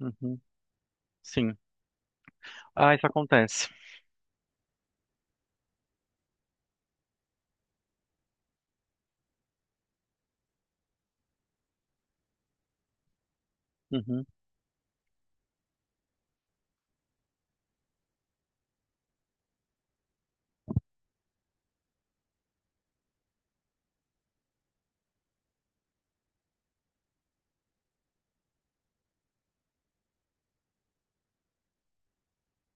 Uhum. Sim. Ah, isso acontece. Uhum.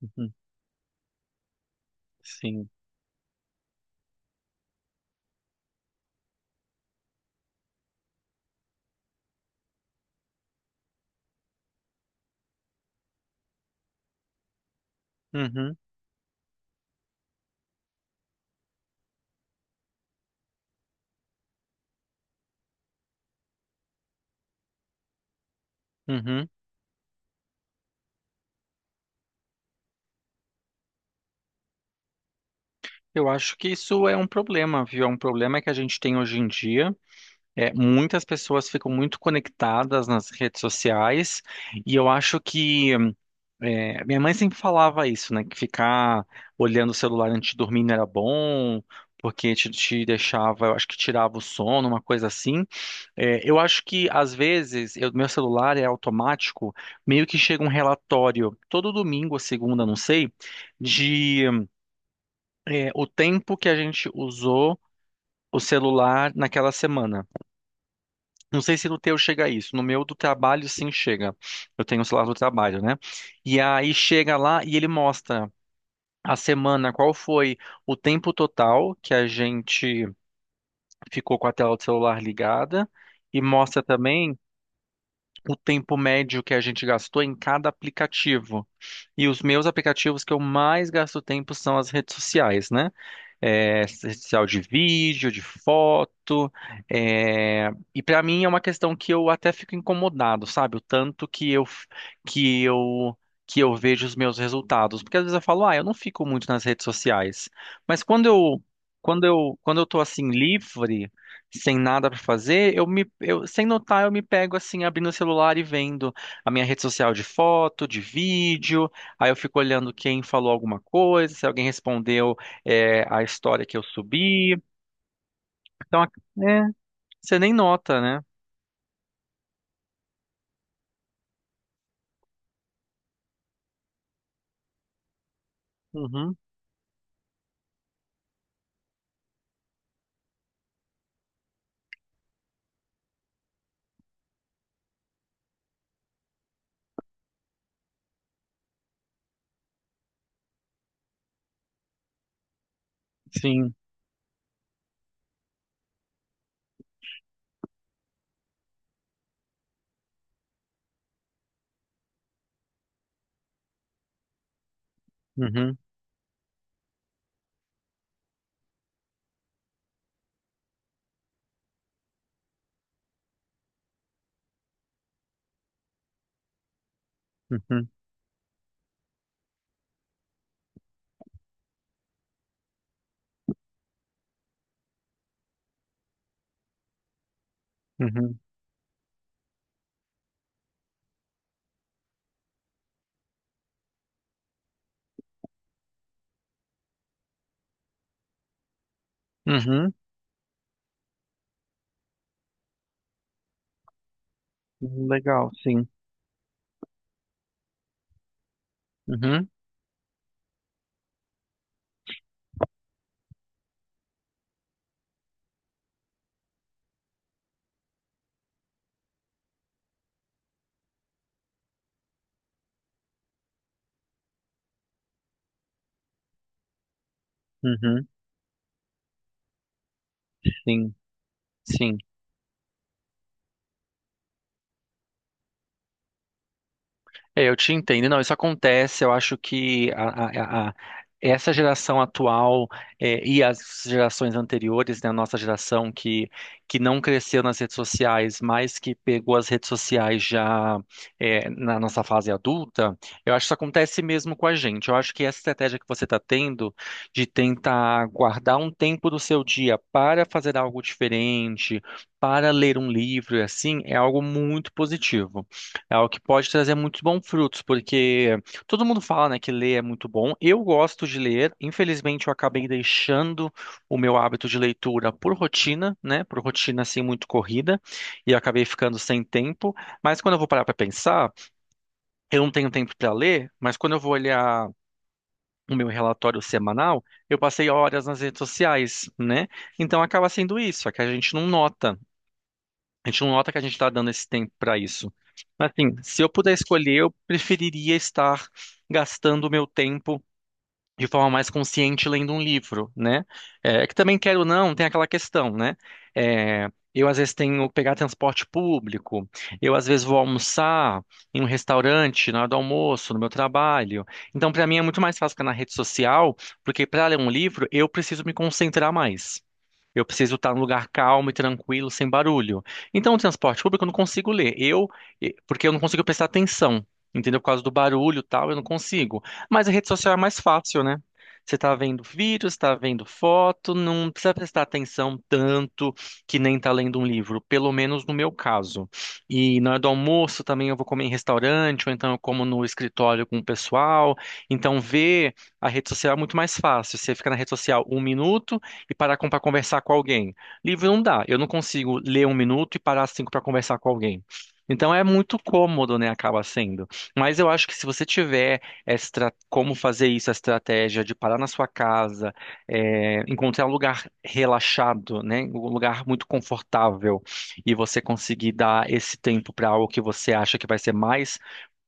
Uhum. Sim. Uhum. Uhum. Eu acho que isso é um problema, viu? É um problema que a gente tem hoje em dia. É, muitas pessoas ficam muito conectadas nas redes sociais e eu acho que minha mãe sempre falava isso, né? Que ficar olhando o celular antes de dormir não era bom, porque te deixava, eu acho que tirava o sono, uma coisa assim. É, eu acho que às vezes meu celular é automático, meio que chega um relatório todo domingo ou segunda, não sei, de é, o tempo que a gente usou o celular naquela semana. Não sei se no teu chega isso, no meu do trabalho sim chega. Eu tenho o celular do trabalho, né? E aí chega lá e ele mostra a semana qual foi o tempo total que a gente ficou com a tela do celular ligada. E mostra também o tempo médio que a gente gastou em cada aplicativo. E os meus aplicativos que eu mais gasto tempo são as redes sociais, né? É, social de vídeo, de foto. É, e para mim é uma questão que eu até fico incomodado, sabe? O tanto que que eu que eu vejo os meus resultados, porque às vezes eu falo, ah, eu não fico muito nas redes sociais, mas quando eu tô assim livre, sem nada para fazer, sem notar eu me pego assim abrindo o celular e vendo a minha rede social de foto, de vídeo, aí eu fico olhando quem falou alguma coisa, se alguém respondeu é, a história que eu subi. Então, é, você nem nota, né? Uhum, sim. Uhum, uhum, uhum, uhum. Uhum, legal, sim. Uhum, uhum, sim, sim. É, eu te entendo. Não, isso acontece. Eu acho que a- essa geração atual é, e as gerações anteriores, né, a nossa geração que não cresceu nas redes sociais, mas que pegou as redes sociais já é, na nossa fase adulta, eu acho que isso acontece mesmo com a gente. Eu acho que essa estratégia que você está tendo de tentar guardar um tempo do seu dia para fazer algo diferente, para ler um livro e assim, é algo muito positivo. É algo que pode trazer muitos bons frutos, porque todo mundo fala, né, que ler é muito bom. Eu gosto de ler, infelizmente eu acabei deixando o meu hábito de leitura por rotina, né, por rotina assim muito corrida, e eu acabei ficando sem tempo. Mas quando eu vou parar para pensar, eu não tenho tempo para ler, mas quando eu vou olhar o meu relatório semanal, eu passei horas nas redes sociais, né? Então acaba sendo isso, é que a gente não nota. A gente não nota que a gente está dando esse tempo para isso. Mas, assim, se eu puder escolher, eu preferiria estar gastando o meu tempo de forma mais consciente lendo um livro, né? É, é que também quero ou não, tem aquela questão, né? É, eu às vezes tenho que pegar transporte público, eu às vezes vou almoçar em um restaurante na hora do almoço, no meu trabalho. Então, para mim é muito mais fácil ficar na rede social, porque para ler um livro eu preciso me concentrar mais. Eu preciso estar num lugar calmo e tranquilo, sem barulho. Então, o transporte público eu não consigo ler. Porque eu não consigo prestar atenção, entendeu? Por causa do barulho e tal, eu não consigo. Mas a rede social é mais fácil, né? Você está vendo vídeo, está vendo foto, não precisa prestar atenção tanto que nem está lendo um livro, pelo menos no meu caso. E na hora do almoço também eu vou comer em restaurante, ou então eu como no escritório com o pessoal. Então, ver a rede social é muito mais fácil. Você fica na rede social um minuto e parar pra conversar com alguém. Livro não dá. Eu não consigo ler um minuto e parar cinco para conversar com alguém. Então é muito cômodo, né? Acaba sendo. Mas eu acho que se você tiver como fazer isso, a estratégia de parar na sua casa, é, encontrar um lugar relaxado, né? Um lugar muito confortável e você conseguir dar esse tempo para algo que você acha que vai ser mais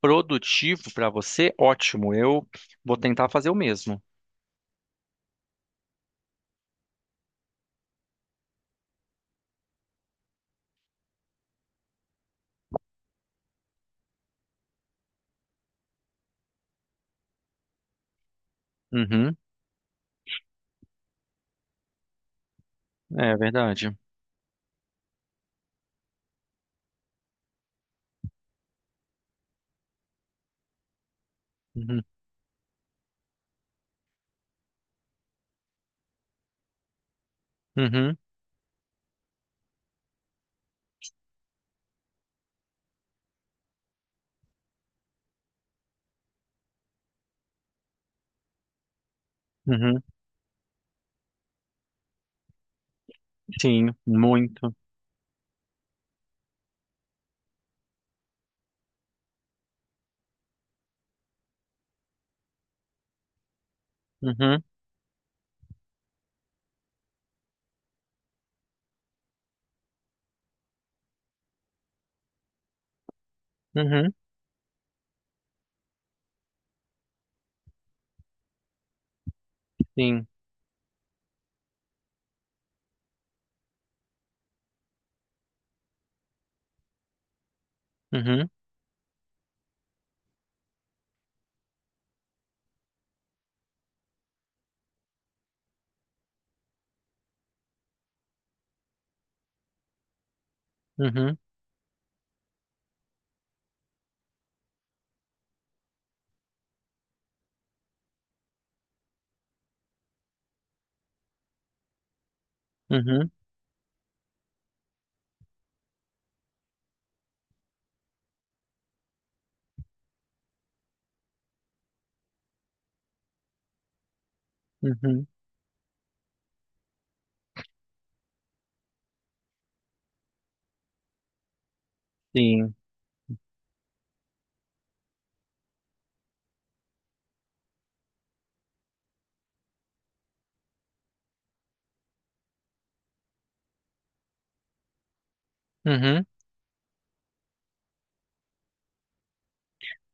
produtivo para você, ótimo. Eu vou tentar fazer o mesmo. Uhum, é verdade. Uhum, uhum. Uhum, sim, muito. Uhum, uhum, sim. Uhum, uhum, uhum, uhum, sim. Uhum.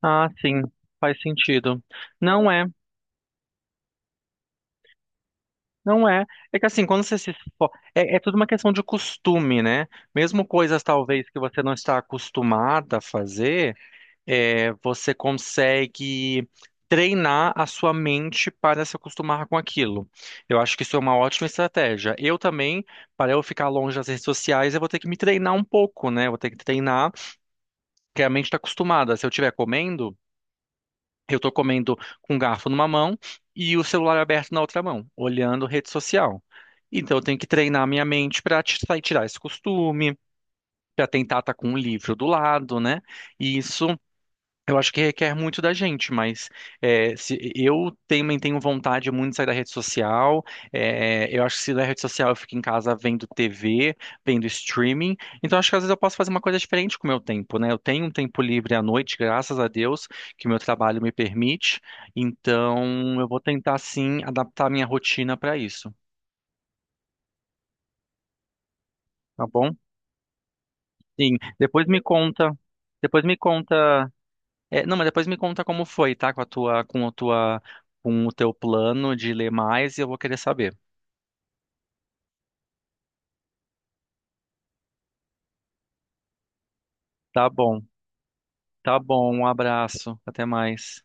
Ah, sim, faz sentido. Não é, não é. É que assim, quando você se esfo- é, é tudo uma questão de costume, né? Mesmo coisas talvez que você não está acostumada a fazer. É, você consegue treinar a sua mente para se acostumar com aquilo. Eu acho que isso é uma ótima estratégia. Eu também, para eu ficar longe das redes sociais, eu vou ter que me treinar um pouco, né? Eu vou ter que treinar, porque a mente está acostumada. Se eu estiver comendo, eu estou comendo com o garfo numa mão e o celular aberto na outra mão, olhando rede social. Então, eu tenho que treinar a minha mente para tirar esse costume, para tentar estar com um livro do lado, né? E isso. Eu acho que requer muito da gente, mas é, se, eu também tenho vontade muito de sair da rede social. É, eu acho que se da rede social eu fico em casa vendo TV, vendo streaming. Então acho que às vezes eu posso fazer uma coisa diferente com o meu tempo, né? Eu tenho um tempo livre à noite, graças a Deus, que o meu trabalho me permite. Então eu vou tentar sim adaptar a minha rotina para isso, tá bom? Sim. Depois me conta. Depois me conta É, não, mas depois me conta como foi, tá? Com o teu plano de ler mais e eu vou querer saber. Tá bom, tá bom, um abraço, até mais.